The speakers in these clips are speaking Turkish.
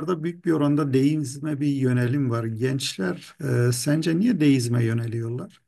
Burada büyük bir oranda deizme bir yönelim var. Gençler sence niye deizme yöneliyorlar?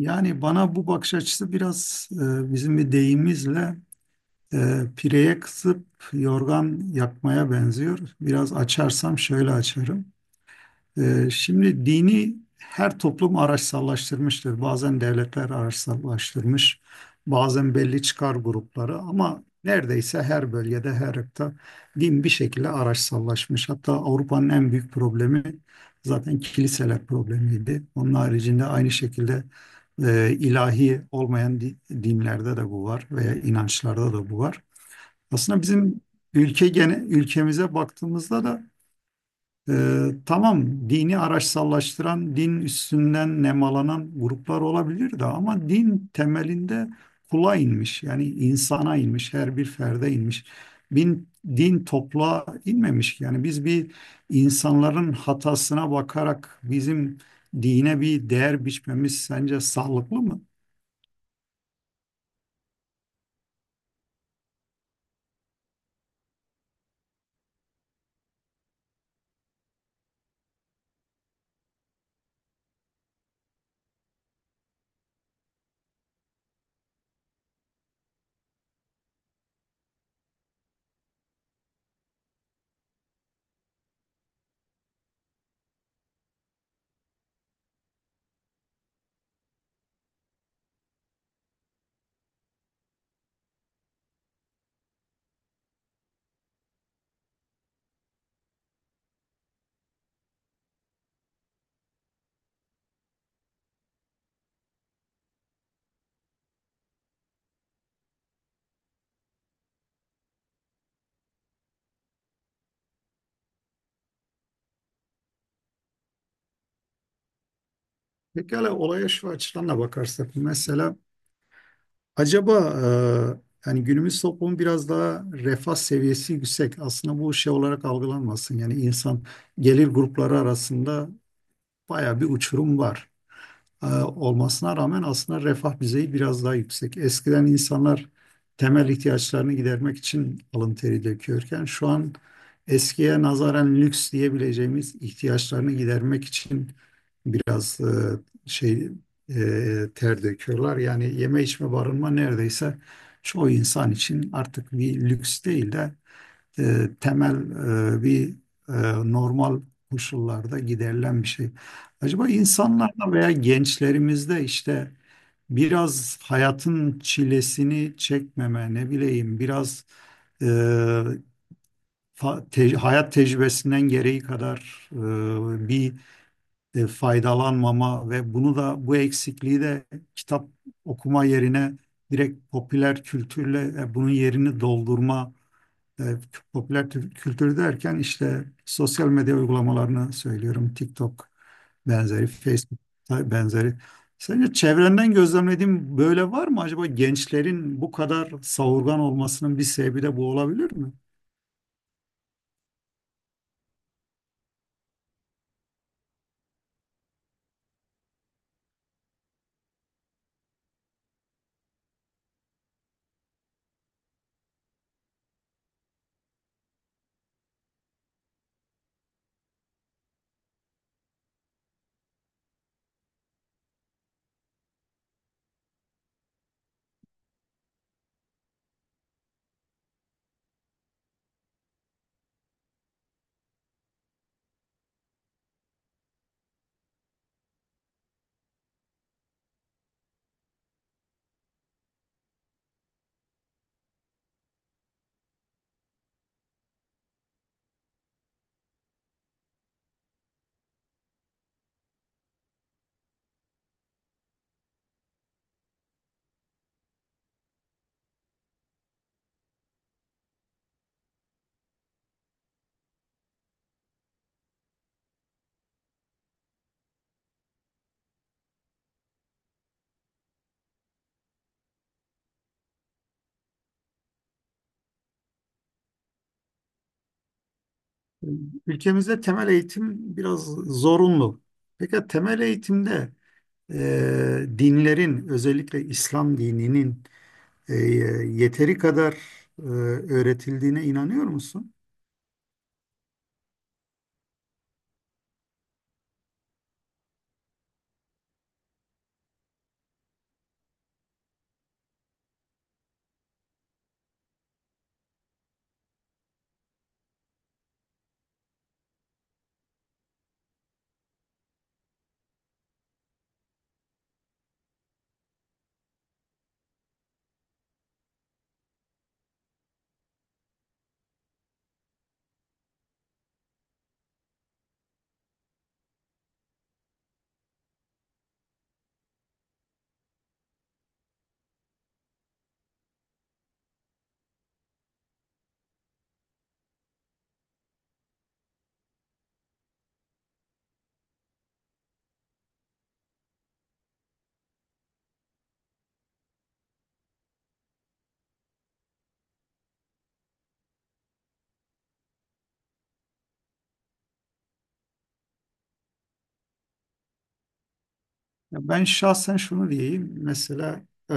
Yani bana bu bakış açısı biraz bizim bir deyimizle pireye kısıp yorgan yakmaya benziyor. Biraz açarsam şöyle açarım. Şimdi dini her toplum araçsallaştırmıştır. Bazen devletler araçsallaştırmış, bazen belli çıkar grupları ama neredeyse her bölgede, her ırkta din bir şekilde araçsallaşmış. Hatta Avrupa'nın en büyük problemi zaten kiliseler problemiydi. Onun haricinde aynı şekilde ilahi olmayan dinlerde de bu var veya inançlarda da bu var. Aslında bizim ülkemize baktığımızda da tamam dini araçsallaştıran, din üstünden nemalanan gruplar olabilir de ama din temelinde kula inmiş. Yani insana inmiş, her bir ferde inmiş. Bin, din topluğa inmemiş ki. Yani biz bir insanların hatasına bakarak bizim dine bir değer biçmemiz sence sağlıklı mı? Pekala olaya şu açıdan da bakarsak. Mesela acaba, yani günümüz toplumu biraz daha refah seviyesi yüksek. Aslında bu şey olarak algılanmasın. Yani insan gelir grupları arasında baya bir uçurum var olmasına rağmen aslında refah düzeyi biraz daha yüksek. Eskiden insanlar temel ihtiyaçlarını gidermek için alın teri döküyorken şu an eskiye nazaran lüks diyebileceğimiz ihtiyaçlarını gidermek için biraz şey ter döküyorlar. Yani yeme içme barınma neredeyse çoğu insan için artık bir lüks değil de temel bir e, normal koşullarda giderilen bir şey. Acaba insanlarda veya gençlerimizde işte biraz hayatın çilesini çekmeme, ne bileyim, biraz e, hayat tecrübesinden gereği kadar bir faydalanmama ve bunu da bu eksikliği de kitap okuma yerine direkt popüler kültürle bunun yerini doldurma. e, kültür derken işte sosyal medya uygulamalarını söylüyorum. TikTok benzeri, Facebook benzeri. Sence çevrenden gözlemlediğin böyle var mı? Acaba gençlerin bu kadar savurgan olmasının bir sebebi de bu olabilir mi? Ülkemizde temel eğitim biraz zorunlu. Peki temel eğitimde dinlerin özellikle İslam dininin e, yeteri kadar öğretildiğine inanıyor musun? Ya ben şahsen şunu diyeyim. Mesela e,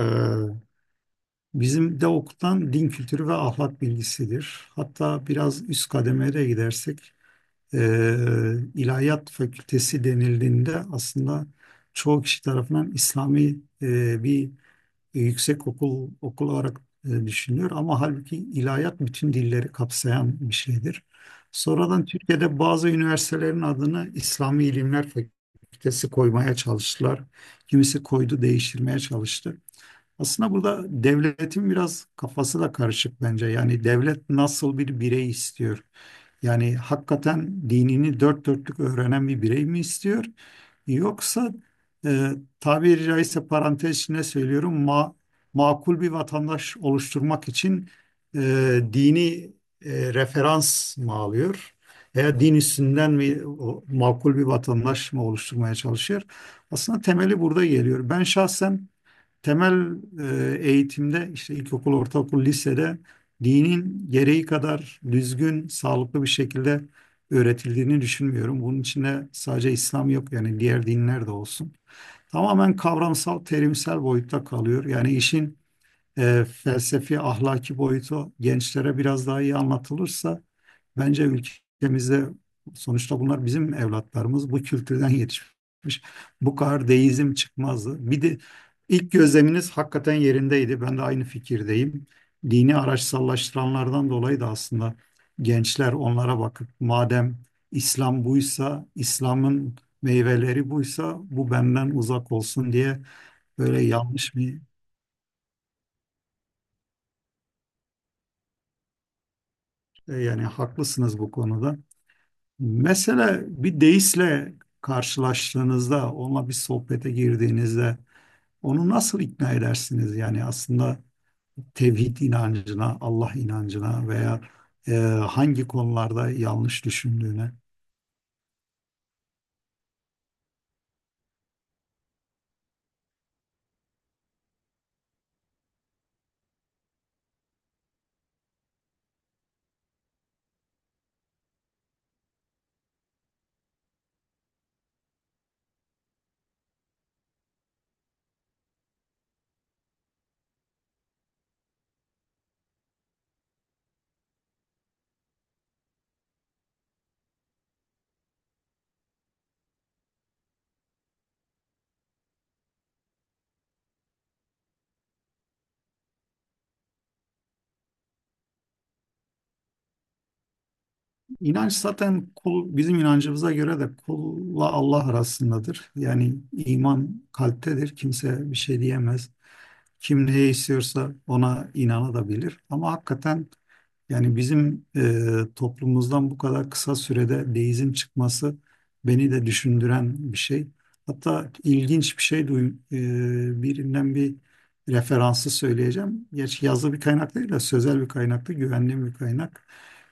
bizim de okutan din kültürü ve ahlak bilgisidir. Hatta biraz üst kademeye gidersek ilahiyat fakültesi denildiğinde aslında çoğu kişi tarafından İslami bir yüksek okul olarak düşünülüyor ama halbuki ilahiyat bütün dilleri kapsayan bir şeydir. Sonradan Türkiye'de bazı üniversitelerin adını İslami İlimler Fakültesi koymaya çalıştılar. Kimisi koydu, değiştirmeye çalıştı. Aslında burada devletin biraz kafası da karışık bence. Yani devlet nasıl bir birey istiyor? Yani hakikaten dinini dört dörtlük öğrenen bir birey mi istiyor? Yoksa, e, tabiri caizse parantez içinde söylüyorum, ma makul bir vatandaş oluşturmak için dini referans mı alıyor? Veya din üstünden mi o makul bir vatandaş mı oluşturmaya çalışıyor? Aslında temeli burada geliyor. Ben şahsen temel eğitimde, işte ilkokul, ortaokul, lisede dinin gereği kadar düzgün, sağlıklı bir şekilde öğretildiğini düşünmüyorum. Bunun içinde sadece İslam yok, yani diğer dinler de olsun. Tamamen kavramsal, terimsel boyutta kalıyor. Yani işin felsefi ahlaki boyutu gençlere biraz daha iyi anlatılırsa bence ülkemizde, sonuçta bunlar bizim evlatlarımız, bu kültürden yetişmiş, bu kadar deizm çıkmazdı. Bir de ilk gözleminiz hakikaten yerindeydi. Ben de aynı fikirdeyim. Dini araçsallaştıranlardan dolayı da aslında gençler onlara bakıp madem İslam buysa, İslam'ın meyveleri buysa bu benden uzak olsun diye böyle yanlış bir... Yani haklısınız bu konuda. Mesela bir deistle karşılaştığınızda, onunla bir sohbete girdiğinizde onu nasıl ikna edersiniz? Yani aslında tevhid inancına, Allah inancına veya e, hangi konularda yanlış düşündüğüne. İnanç zaten kul, bizim inancımıza göre de kulla Allah arasındadır. Yani iman kalptedir. Kimse bir şey diyemez. Kim ne istiyorsa ona inanabilir. Ama hakikaten, yani bizim toplumumuzdan bu kadar kısa sürede deizm çıkması beni de düşündüren bir şey. Hatta ilginç bir şey duyum, birinden bir referansı söyleyeceğim. Gerçi yazılı bir kaynak değil de sözel bir kaynaktı, güvenli bir kaynak.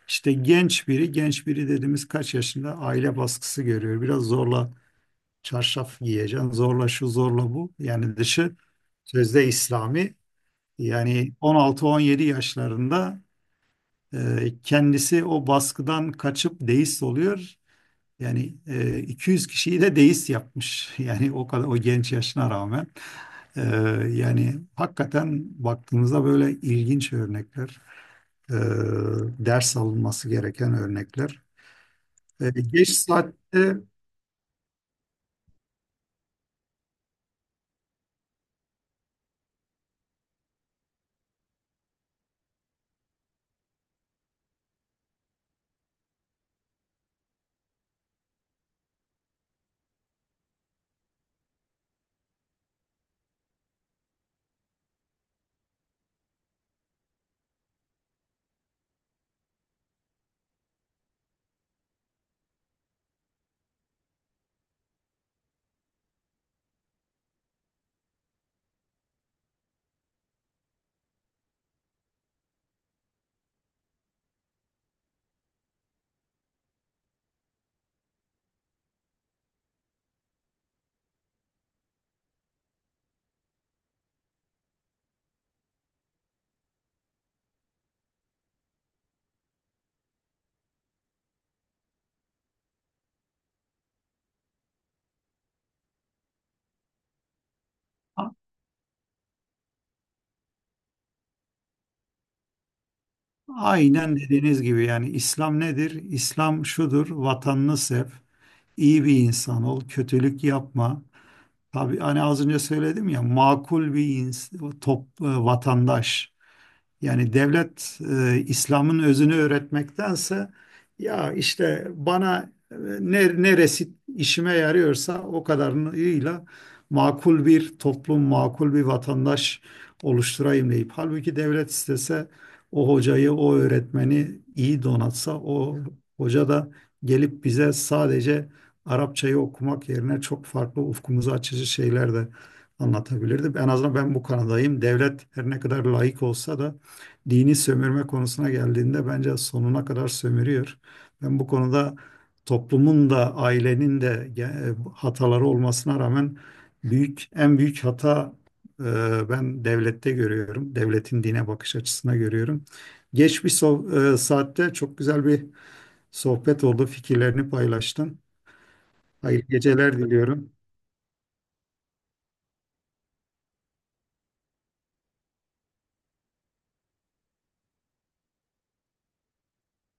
İşte genç biri, genç biri dediğimiz kaç yaşında aile baskısı görüyor. Biraz zorla çarşaf giyeceksin, zorla şu, zorla bu. Yani dışı sözde İslami. Yani 16-17 yaşlarında kendisi o baskıdan kaçıp deist oluyor. Yani 200 kişiyi de deist yapmış. Yani o kadar, o genç yaşına rağmen. E, Yani hakikaten baktığımızda böyle ilginç örnekler. E, Ders alınması gereken örnekler. E, geç saatte a- aynen dediğiniz gibi, yani İslam nedir? İslam şudur, vatanını sev, iyi bir insan ol, kötülük yapma. Tabii hani az önce söyledim ya, makul bir vatandaş. Yani devlet İslam'ın özünü öğretmektense ya işte bana neresi işime yarıyorsa o kadarıyla makul bir toplum, makul bir vatandaş oluşturayım deyip, halbuki devlet istese o hocayı, o öğretmeni iyi donatsa o hoca da gelip bize sadece Arapçayı okumak yerine çok farklı, ufkumuzu açıcı şeyler de anlatabilirdi. En azından ben bu kanadayım. Devlet her ne kadar laik olsa da dini sömürme konusuna geldiğinde bence sonuna kadar sömürüyor. Ben bu konuda toplumun da ailenin de hataları olmasına rağmen en büyük hata e, ben devlette görüyorum. Devletin dine bakış açısına görüyorum. Geç bir so- e, saatte çok güzel bir sohbet oldu. Fikirlerini paylaştın. Hayırlı geceler diliyorum.